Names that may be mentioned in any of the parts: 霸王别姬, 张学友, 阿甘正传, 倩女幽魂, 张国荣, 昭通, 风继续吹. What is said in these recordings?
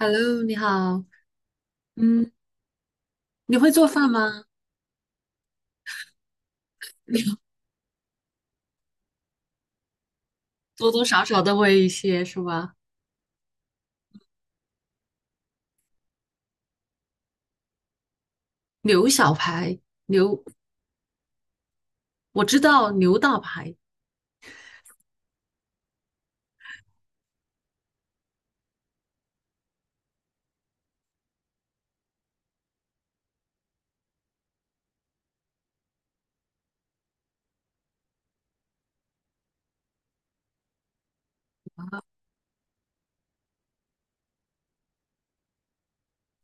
Hello，你好。嗯，你会做饭吗？多多少少都会一些，是吧？牛小排，牛，我知道牛大排。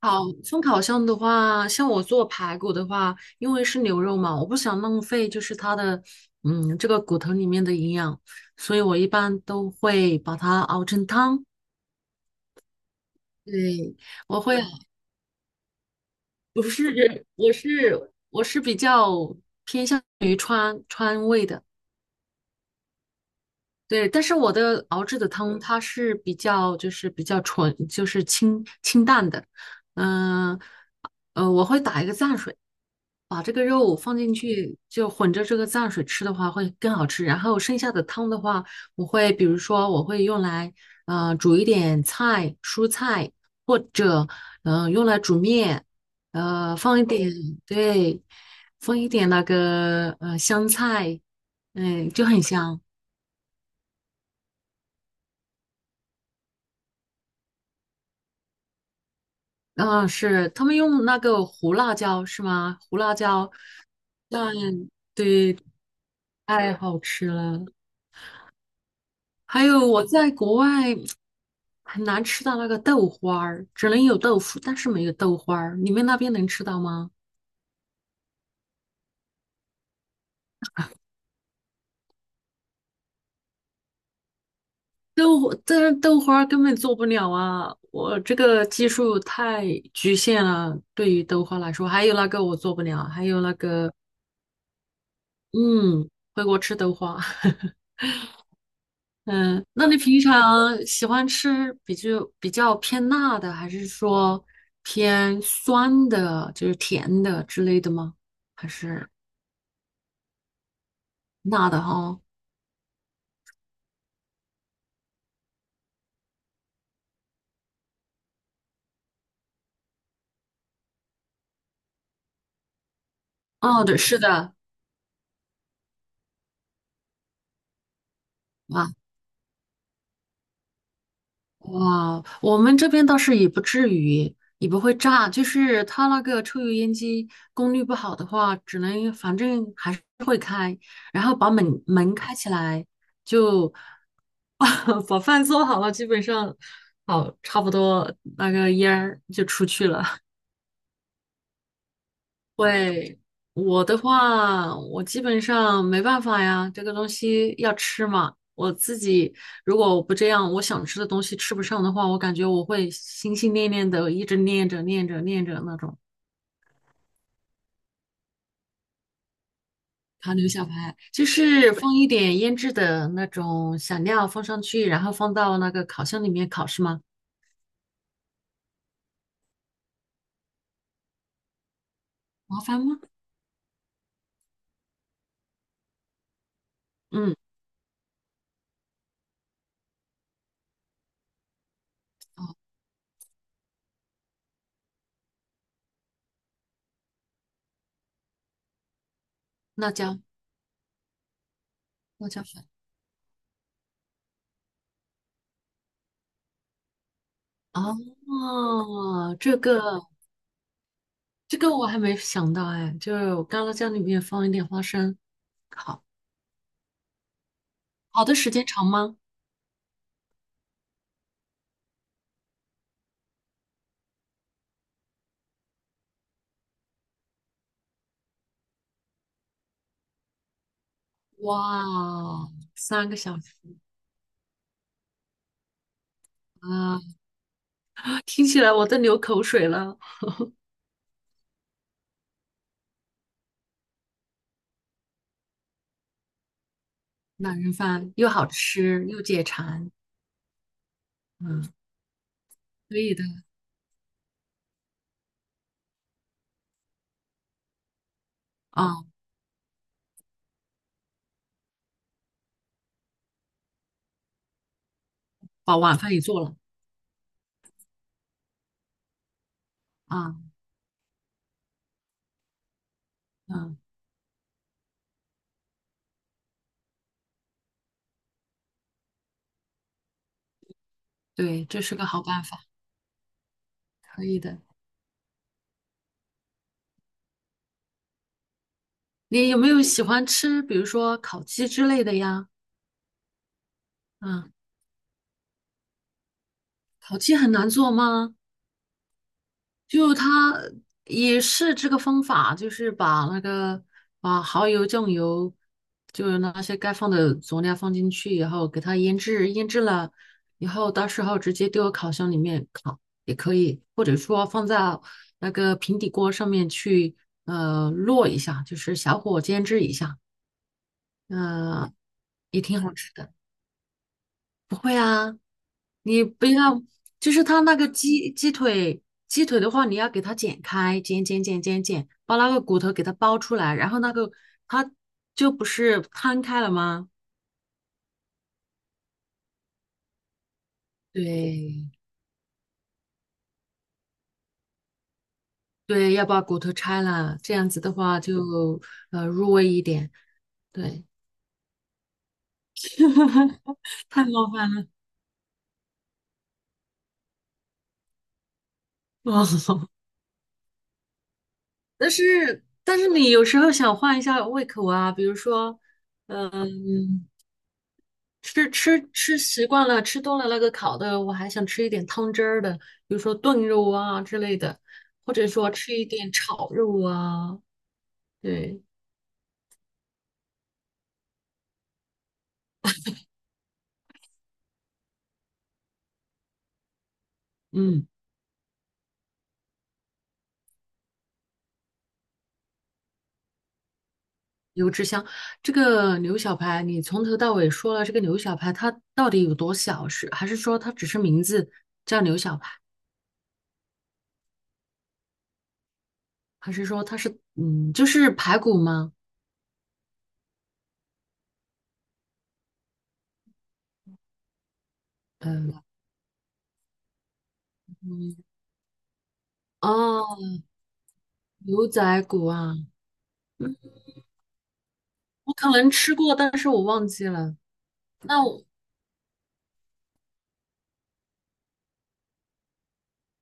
好，风烤箱的话，像我做排骨的话，因为是牛肉嘛，我不想浪费，就是它的，这个骨头里面的营养，所以我一般都会把它熬成汤。对，我会啊不是，我是比较偏向于川味的。对，但是我的熬制的汤它是比较就是比较纯，就是清清淡的，嗯我会打一个蘸水，把这个肉放进去，就混着这个蘸水吃的话会更好吃。然后剩下的汤的话，比如说我会用来煮一点菜、蔬菜，或者用来煮面，呃放一点对，放一点那个香菜，就很香。啊，是他们用那个胡辣椒是吗？胡辣椒蘸，对，太好吃了。还有我在国外很难吃到那个豆花儿，只能有豆腐，但是没有豆花儿。你们那边能吃到吗？豆花，但是豆花儿根本做不了啊！我这个技术太局限了，对于豆花来说，还有那个我做不了，还有那个，嗯，回国吃豆花。嗯，那你平常喜欢吃比较偏辣的，还是说偏酸的，就是甜的之类的吗？还是辣的哈？哦，对，是的，啊，哇，我们这边倒是也不至于，也不会炸，就是它那个抽油烟机功率不好的话，只能反正还是会开，然后把门开起来，就。把饭做好了，基本上好差不多那个烟儿就出去了。会，我的话，我基本上没办法呀，这个东西要吃嘛。我自己如果我不这样，我想吃的东西吃不上的话，我感觉我会心心念念的一直念着念着念着那种糖牛小排，就是放一点腌制的那种小料放上去，然后放到那个烤箱里面烤，是吗？麻烦吗？嗯，哦，辣椒，辣椒粉。哦，这个我还没想到哎，就是我干辣椒里面放一点花生，好，好的时间长吗？哇哦，3个小时啊，听起来我都流口水了。懒人饭又好吃又解馋，嗯，可以的啊，把晚饭也做了啊，嗯，对，这是个好办法，可以的。你有没有喜欢吃，比如说烤鸡之类的呀？嗯，烤鸡很难做吗？就它也是这个方法，就是把那个把蚝油、酱油，就是那些该放的佐料放进去以后，给它腌制，腌制了以后，到时候直接丢到烤箱里面烤也可以，或者说放在那个平底锅上面去烙一下，就是小火煎制一下，嗯、也挺好吃的。你不要，就是它那个鸡腿，鸡腿的话，你要给它剪开，剪剪剪剪剪，把那个骨头给它剥出来，然后那个它就不是摊开了吗？对，对，要把骨头拆了，这样子的话就入味一点。对，太麻烦了。哦，但是你有时候想换一下胃口啊，比如说，嗯、吃习惯了，吃多了那个烤的，我还想吃一点汤汁儿的，比如说炖肉啊之类的，或者说吃一点炒肉啊。对，嗯，油脂香，这个牛小排，你从头到尾说了这个牛小排它到底有多小？是还是说它只是名字叫牛小排，还是说它是嗯就是排骨吗？嗯，哦，牛仔骨啊，嗯我可能吃过，但是我忘记了。那我。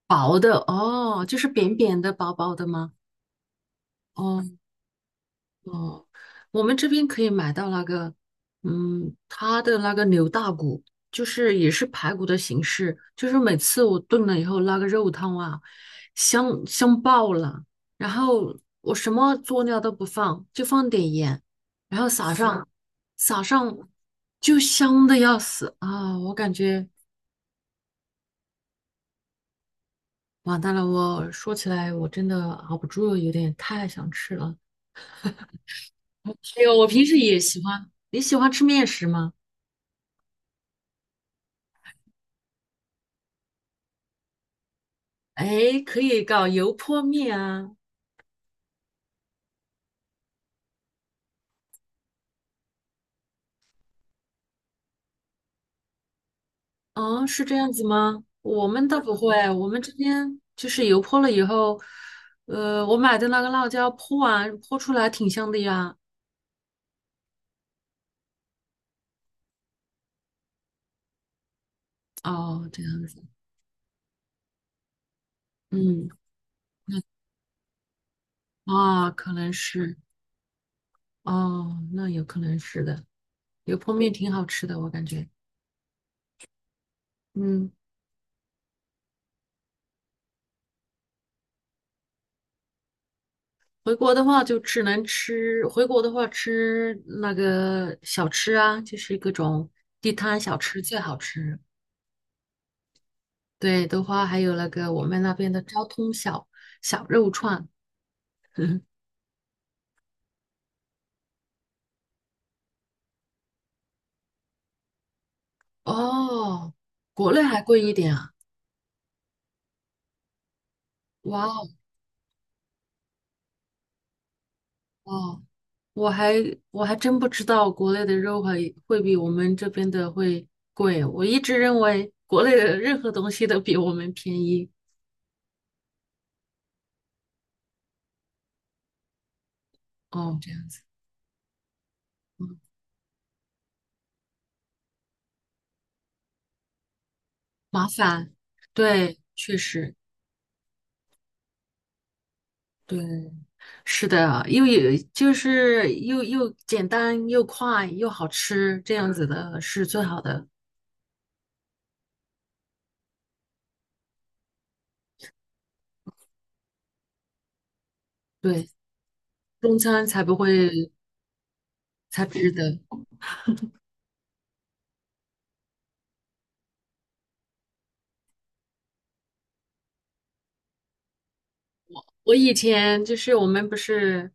薄的哦，就是扁扁的、薄薄的吗？哦哦，我们这边可以买到那个，嗯，它的那个牛大骨，就是也是排骨的形式，就是每次我炖了以后，那个肉汤啊，香香爆了。然后我什么佐料都不放，就放点盐，然后撒上，就香的要死啊！我感觉完蛋了，我说起来我真的熬不住，有点太想吃了。还有，我平时也喜欢。你喜欢吃面食吗？哎，可以搞油泼面啊。哦，是这样子吗？我们倒不会，我们这边就是油泼了以后，我买的那个辣椒泼完泼出来挺香的呀。哦，这样子，嗯，那啊，可能是，哦，那有可能是的。油泼面挺好吃的，我感觉。嗯。回国的话就只能吃，回国的话吃那个小吃啊，就是各种地摊小吃最好吃。对的话，还有那个我们那边的昭通小肉串。哦，国内还贵一点啊！哇哦，哦我还我还真不知道国内的肉会比我们这边的会贵。我一直认为国内的任何东西都比我们便宜。哦，这样子，嗯，麻烦，对，确实。对，是的啊，又有就是又简单又快又好吃，这样子的是最好的。对，中餐才不会才值得。我以前就是我们不是，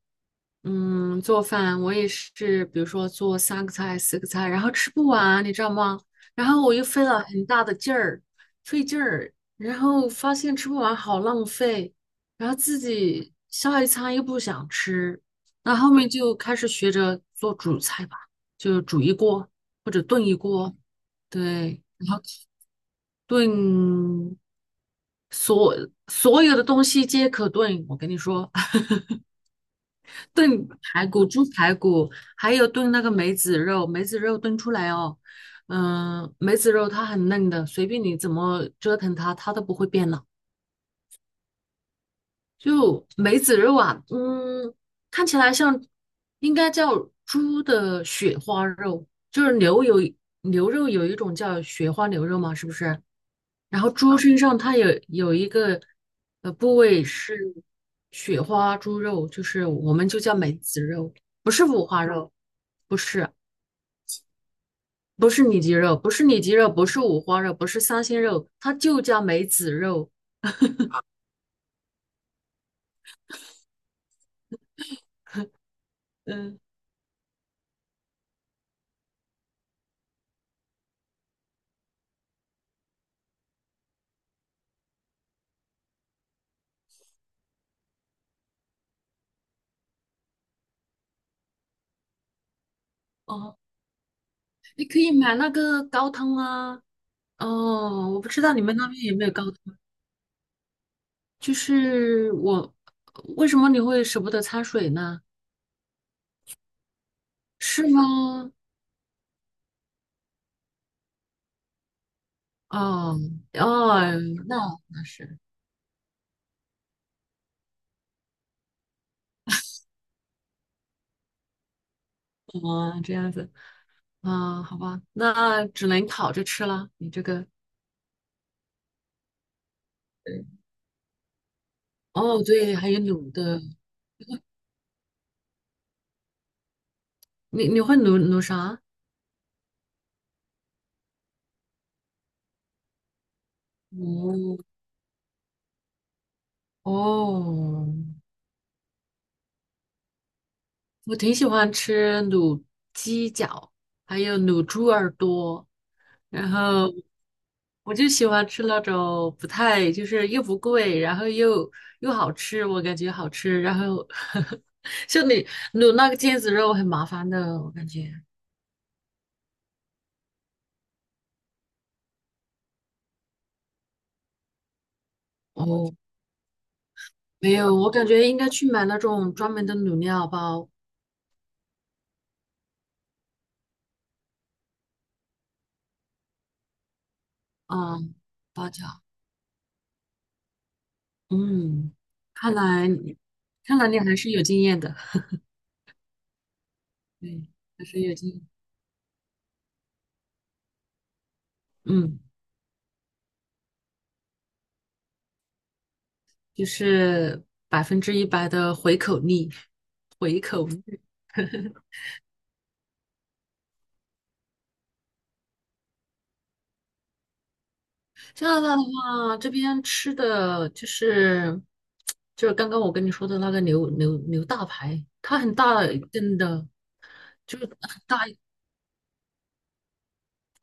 嗯，做饭，我也是，比如说做三个菜、四个菜，然后吃不完，你知道吗？然后我又费了很大的劲儿，费劲儿，然后发现吃不完好浪费，然后自己下一餐又不想吃，那后面就开始学着做主菜吧，就煮一锅或者炖一锅，对，然后炖所所有的东西皆可炖，我跟你说。炖排骨、猪排骨，还有炖那个梅子肉，梅子肉炖出来哦，嗯，梅子肉它很嫩的，随便你怎么折腾它，它都不会变老。就梅子肉啊，嗯，看起来像应该叫猪的雪花肉，就是牛肉有一种叫雪花牛肉嘛，是不是？然后猪身上它有一个部位是雪花猪肉，就是我们就叫梅子肉，不是五花肉，不是不是里脊肉，不是里脊肉，不是五花肉，不是三鲜肉，它就叫梅子肉。嗯，哦，你可以买那个高汤啊。哦，我不知道你们那边有没有高汤，就是我为什么你会舍不得掺水呢？是吗？哦哦，那那是。哦，这样子。啊，好吧，那只能烤着吃了。你这个，对哦，对，还有卤的，你会卤啥？卤哦，我挺喜欢吃卤鸡脚，还有卤猪耳朵，然后我就喜欢吃那种不太，就是又不贵，然后又好吃，我感觉好吃。然后 像你卤那个腱子肉很麻烦的，我感觉。哦，没有，我感觉应该去买那种专门的卤料包，啊，包饺，嗯，看来你看来你还是有经验的，对，还是有经验，嗯，就是100%的回口率。加拿大的话，这边吃的就是刚刚我跟你说的那个牛大排，它很大一根的，就是很大。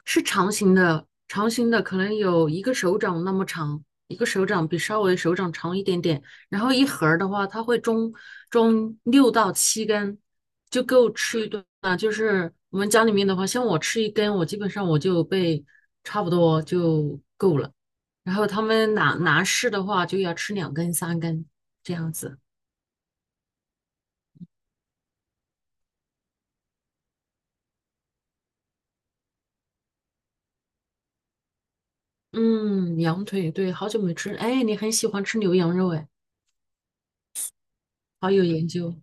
是长形的，长形的可能有一个手掌那么长，一个手掌比稍微手掌长一点点。然后一盒儿的话，它会装六到七根，就够吃一顿啊。就是我们家里面的话，像我吃一根，我基本上我就被差不多就够了。然后他们男士的话，就要吃两根、三根这样子。嗯，羊腿，对，好久没吃。哎，你很喜欢吃牛羊肉，哎，好有研究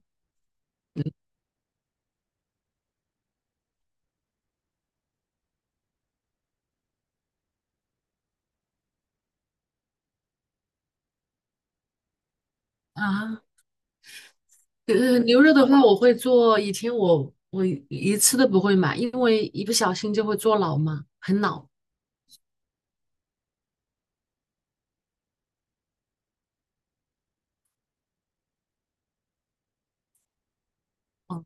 啊。呃，牛肉的话，我会做。以前我一次都不会买，因为一不小心就会做老嘛，很老。哦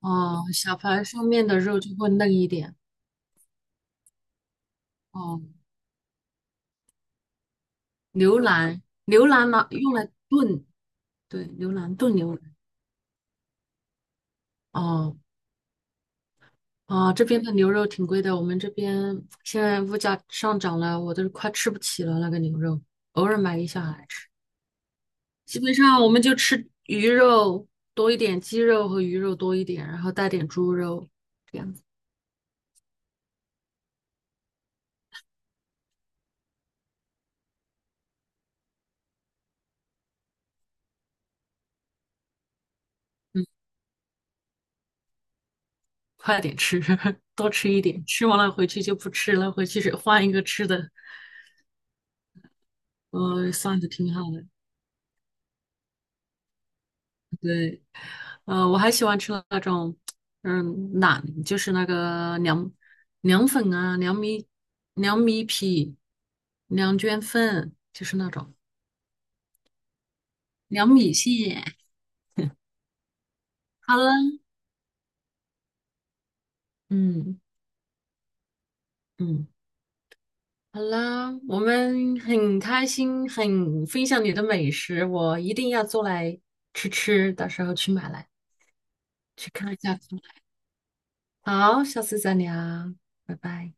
哦，小排上面的肉就会嫩一点。哦，牛腩，牛腩拿用来炖，对，牛腩炖牛腩。哦啊，这边的牛肉挺贵的，我们这边现在物价上涨了，我都快吃不起了那个牛肉，偶尔买一下来吃。基本上我们就吃鱼肉多一点，鸡肉和鱼肉多一点，然后带点猪肉。这样。嗯，快点吃，多吃一点，吃完了回去就不吃了，回去是换一个吃的，算的挺好的。对，我还喜欢吃那种，嗯，馕，就是那个凉粉啊，凉米皮、凉卷粉，就是那种凉米线。好了，嗯嗯，好了，我们很开心，很分享你的美食，我一定要做来吃吃，到时候去买来。去看一下好，下次再聊，拜拜。